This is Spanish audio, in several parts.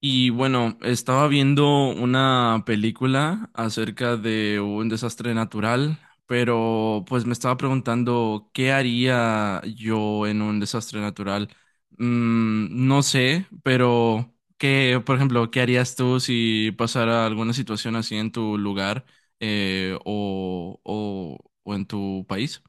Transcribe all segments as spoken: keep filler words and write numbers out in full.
Y bueno, estaba viendo una película acerca de un desastre natural, pero pues me estaba preguntando qué haría yo en un desastre natural. Mm, no sé, pero qué, por ejemplo, ¿qué harías tú si pasara alguna situación así en tu lugar eh, o, o o en tu país?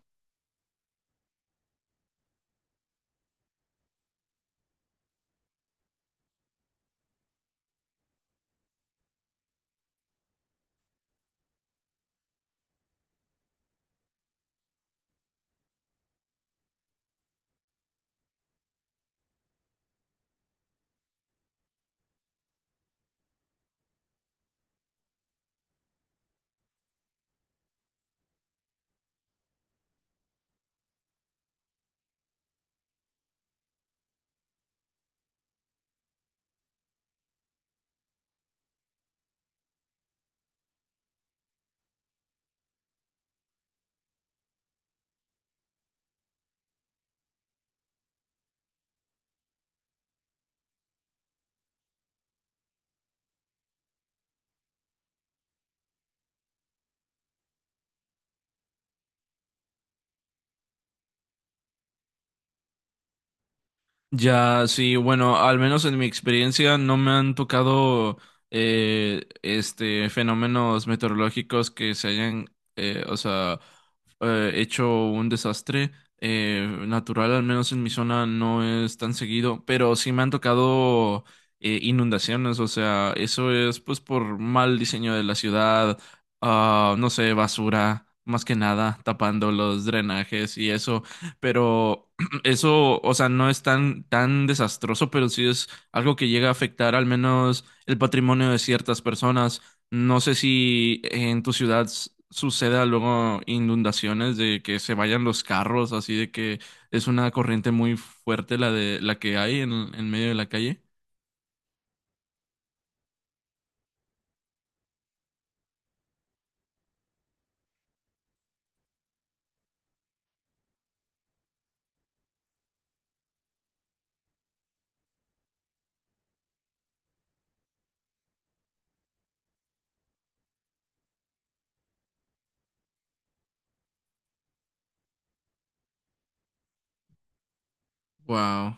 Ya, sí, bueno, al menos en mi experiencia no me han tocado eh, este fenómenos meteorológicos que se hayan, eh, o sea, eh, hecho un desastre eh, natural, al menos en mi zona no es tan seguido, pero sí me han tocado eh, inundaciones, o sea, eso es pues por mal diseño de la ciudad, ah, no sé, basura, más que nada, tapando los drenajes y eso, pero eso, o sea, no es tan, tan desastroso, pero sí es algo que llega a afectar al menos el patrimonio de ciertas personas. No sé si en tu ciudad s- suceda luego inundaciones de que se vayan los carros, así de que es una corriente muy fuerte la de la que hay en, en medio de la calle. Wow.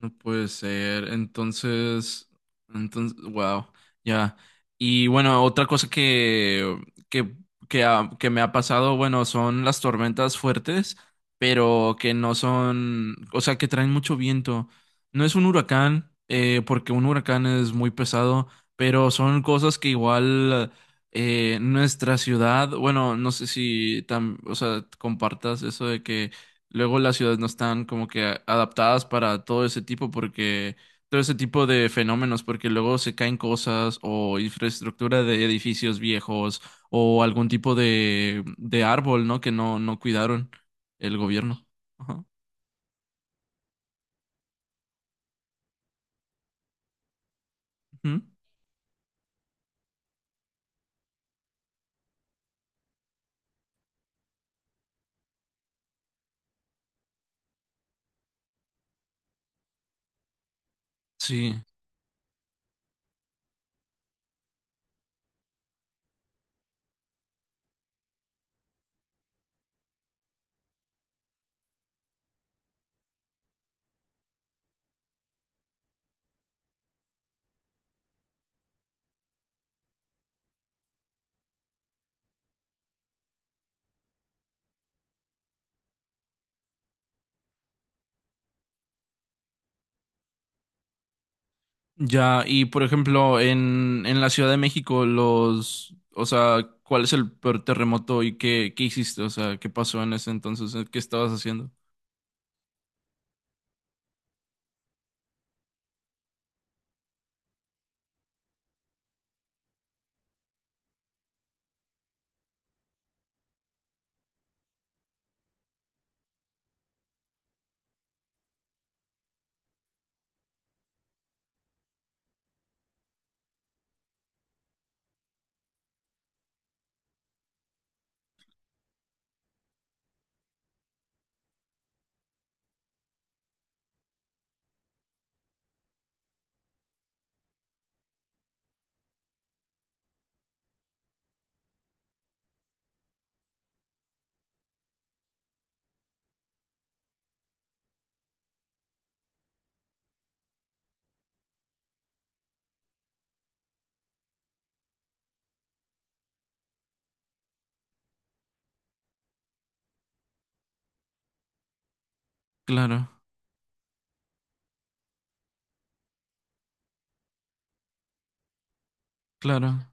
No puede ser. Entonces, entonces, wow, ya. Y bueno, otra cosa que, que, que, ha- que me ha pasado, bueno, son las tormentas fuertes, pero que no son, o sea, que traen mucho viento. No es un huracán, eh, porque un huracán es muy pesado, pero son cosas que igual eh, nuestra ciudad, bueno, no sé si tam- o sea, compartas eso de que luego las ciudades no están como que a- adaptadas para todo ese tipo porque todo ese tipo de fenómenos porque luego se caen cosas o infraestructura de edificios viejos o algún tipo de de árbol, ¿no? Que no no cuidaron el gobierno. Ajá. Ujú. Sí. Ya, y por ejemplo, en en la Ciudad de México los o sea, ¿cuál es el peor terremoto y qué qué hiciste? O sea, ¿qué pasó en ese entonces? ¿Qué estabas haciendo? Claro, claro.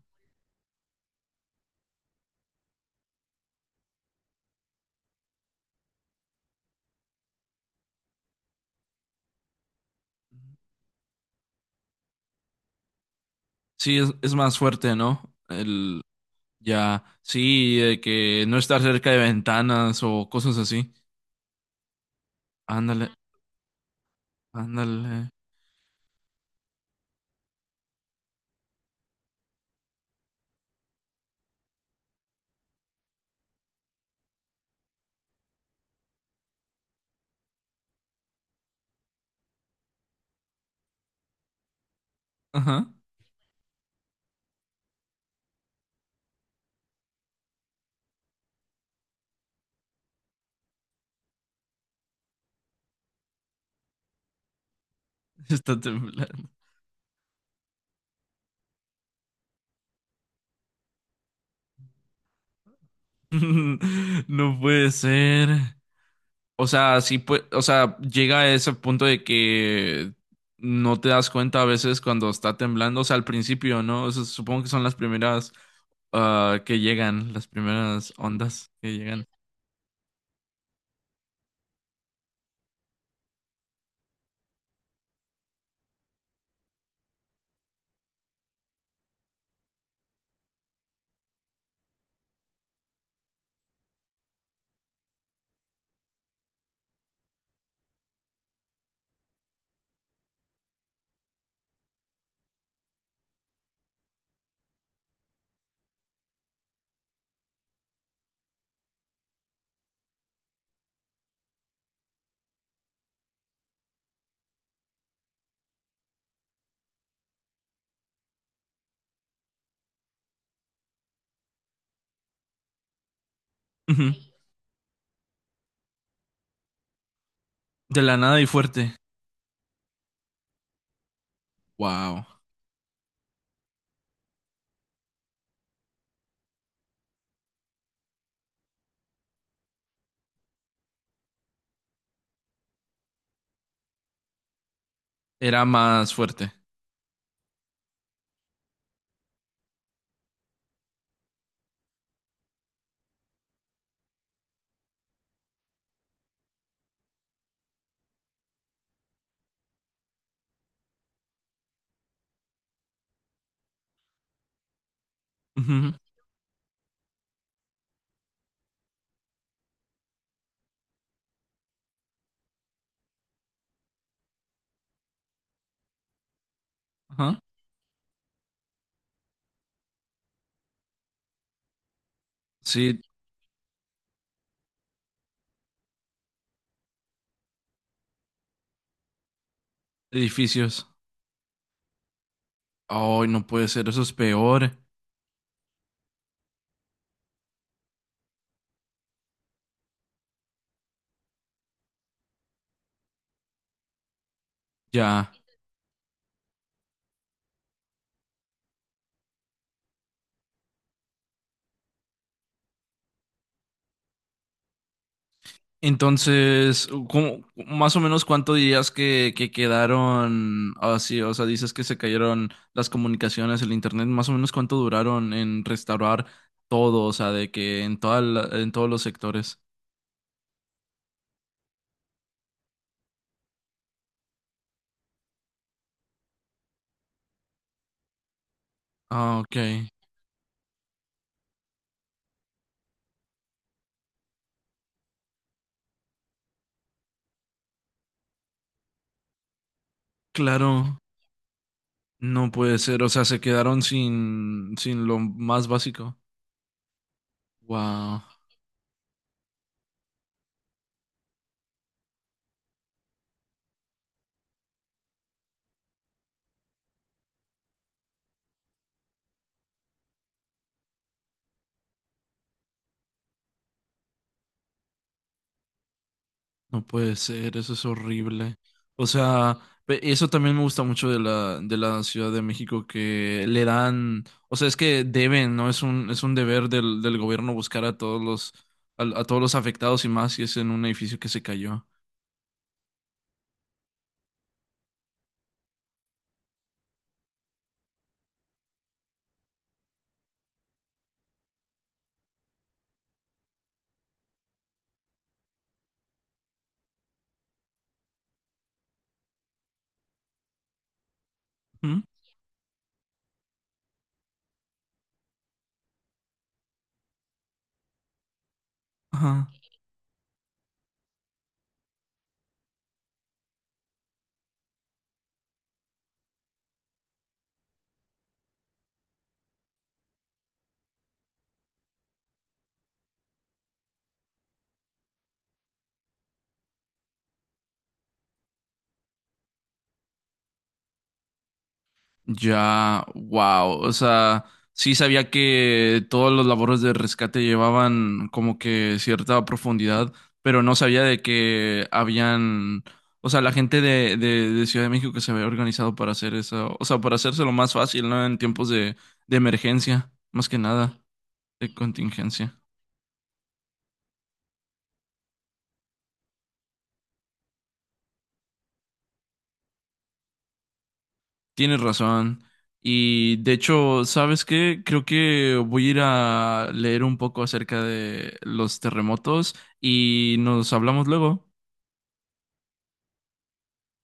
Sí, es, es más fuerte, ¿no? El ya, sí, de que no estar cerca de ventanas o cosas así. Ándale, ándale. Ajá. Está temblando. No puede ser. O sea, sí pues. O sea, llega a ese punto de que no te das cuenta a veces cuando está temblando, o sea, al principio, ¿no? O sea, supongo que son las primeras ah, que llegan, las primeras ondas que llegan. Ujú. De la nada y fuerte. Wow. Era más fuerte. Ujú. Ajá. Sí, edificios. Ay, no puede ser, eso es peor. Ya. Entonces, ¿cómo más o menos cuánto dirías que, que quedaron así? O sea, dices que se cayeron las comunicaciones, el internet, más o menos cuánto duraron en restaurar todo, o sea, de que en toda la- en todos los sectores. Ah, ok. Claro, no puede ser, o sea, se quedaron sin, sin lo más básico. Wow. No puede ser, eso es horrible. O sea, pe- eso también me gusta mucho de la, de la Ciudad de México, que le dan, o sea, es que deben, ¿no? Es un, es un deber del, del gobierno buscar a todos los, a, a todos los afectados y más si es en un edificio que se cayó. ¿Mm? Ajá. Ya, wow. O sea, sí sabía que todos los labores de rescate llevaban como que cierta profundidad, pero no sabía de que habían, o sea, la gente de, de, de Ciudad de México que se había organizado para hacer eso, o sea, para hacérselo más fácil, ¿no? En tiempos de, de emergencia, más que nada, de contingencia. Tienes razón. Y de hecho, ¿sabes qué? Creo que voy a ir a leer un poco acerca de los terremotos y nos hablamos luego.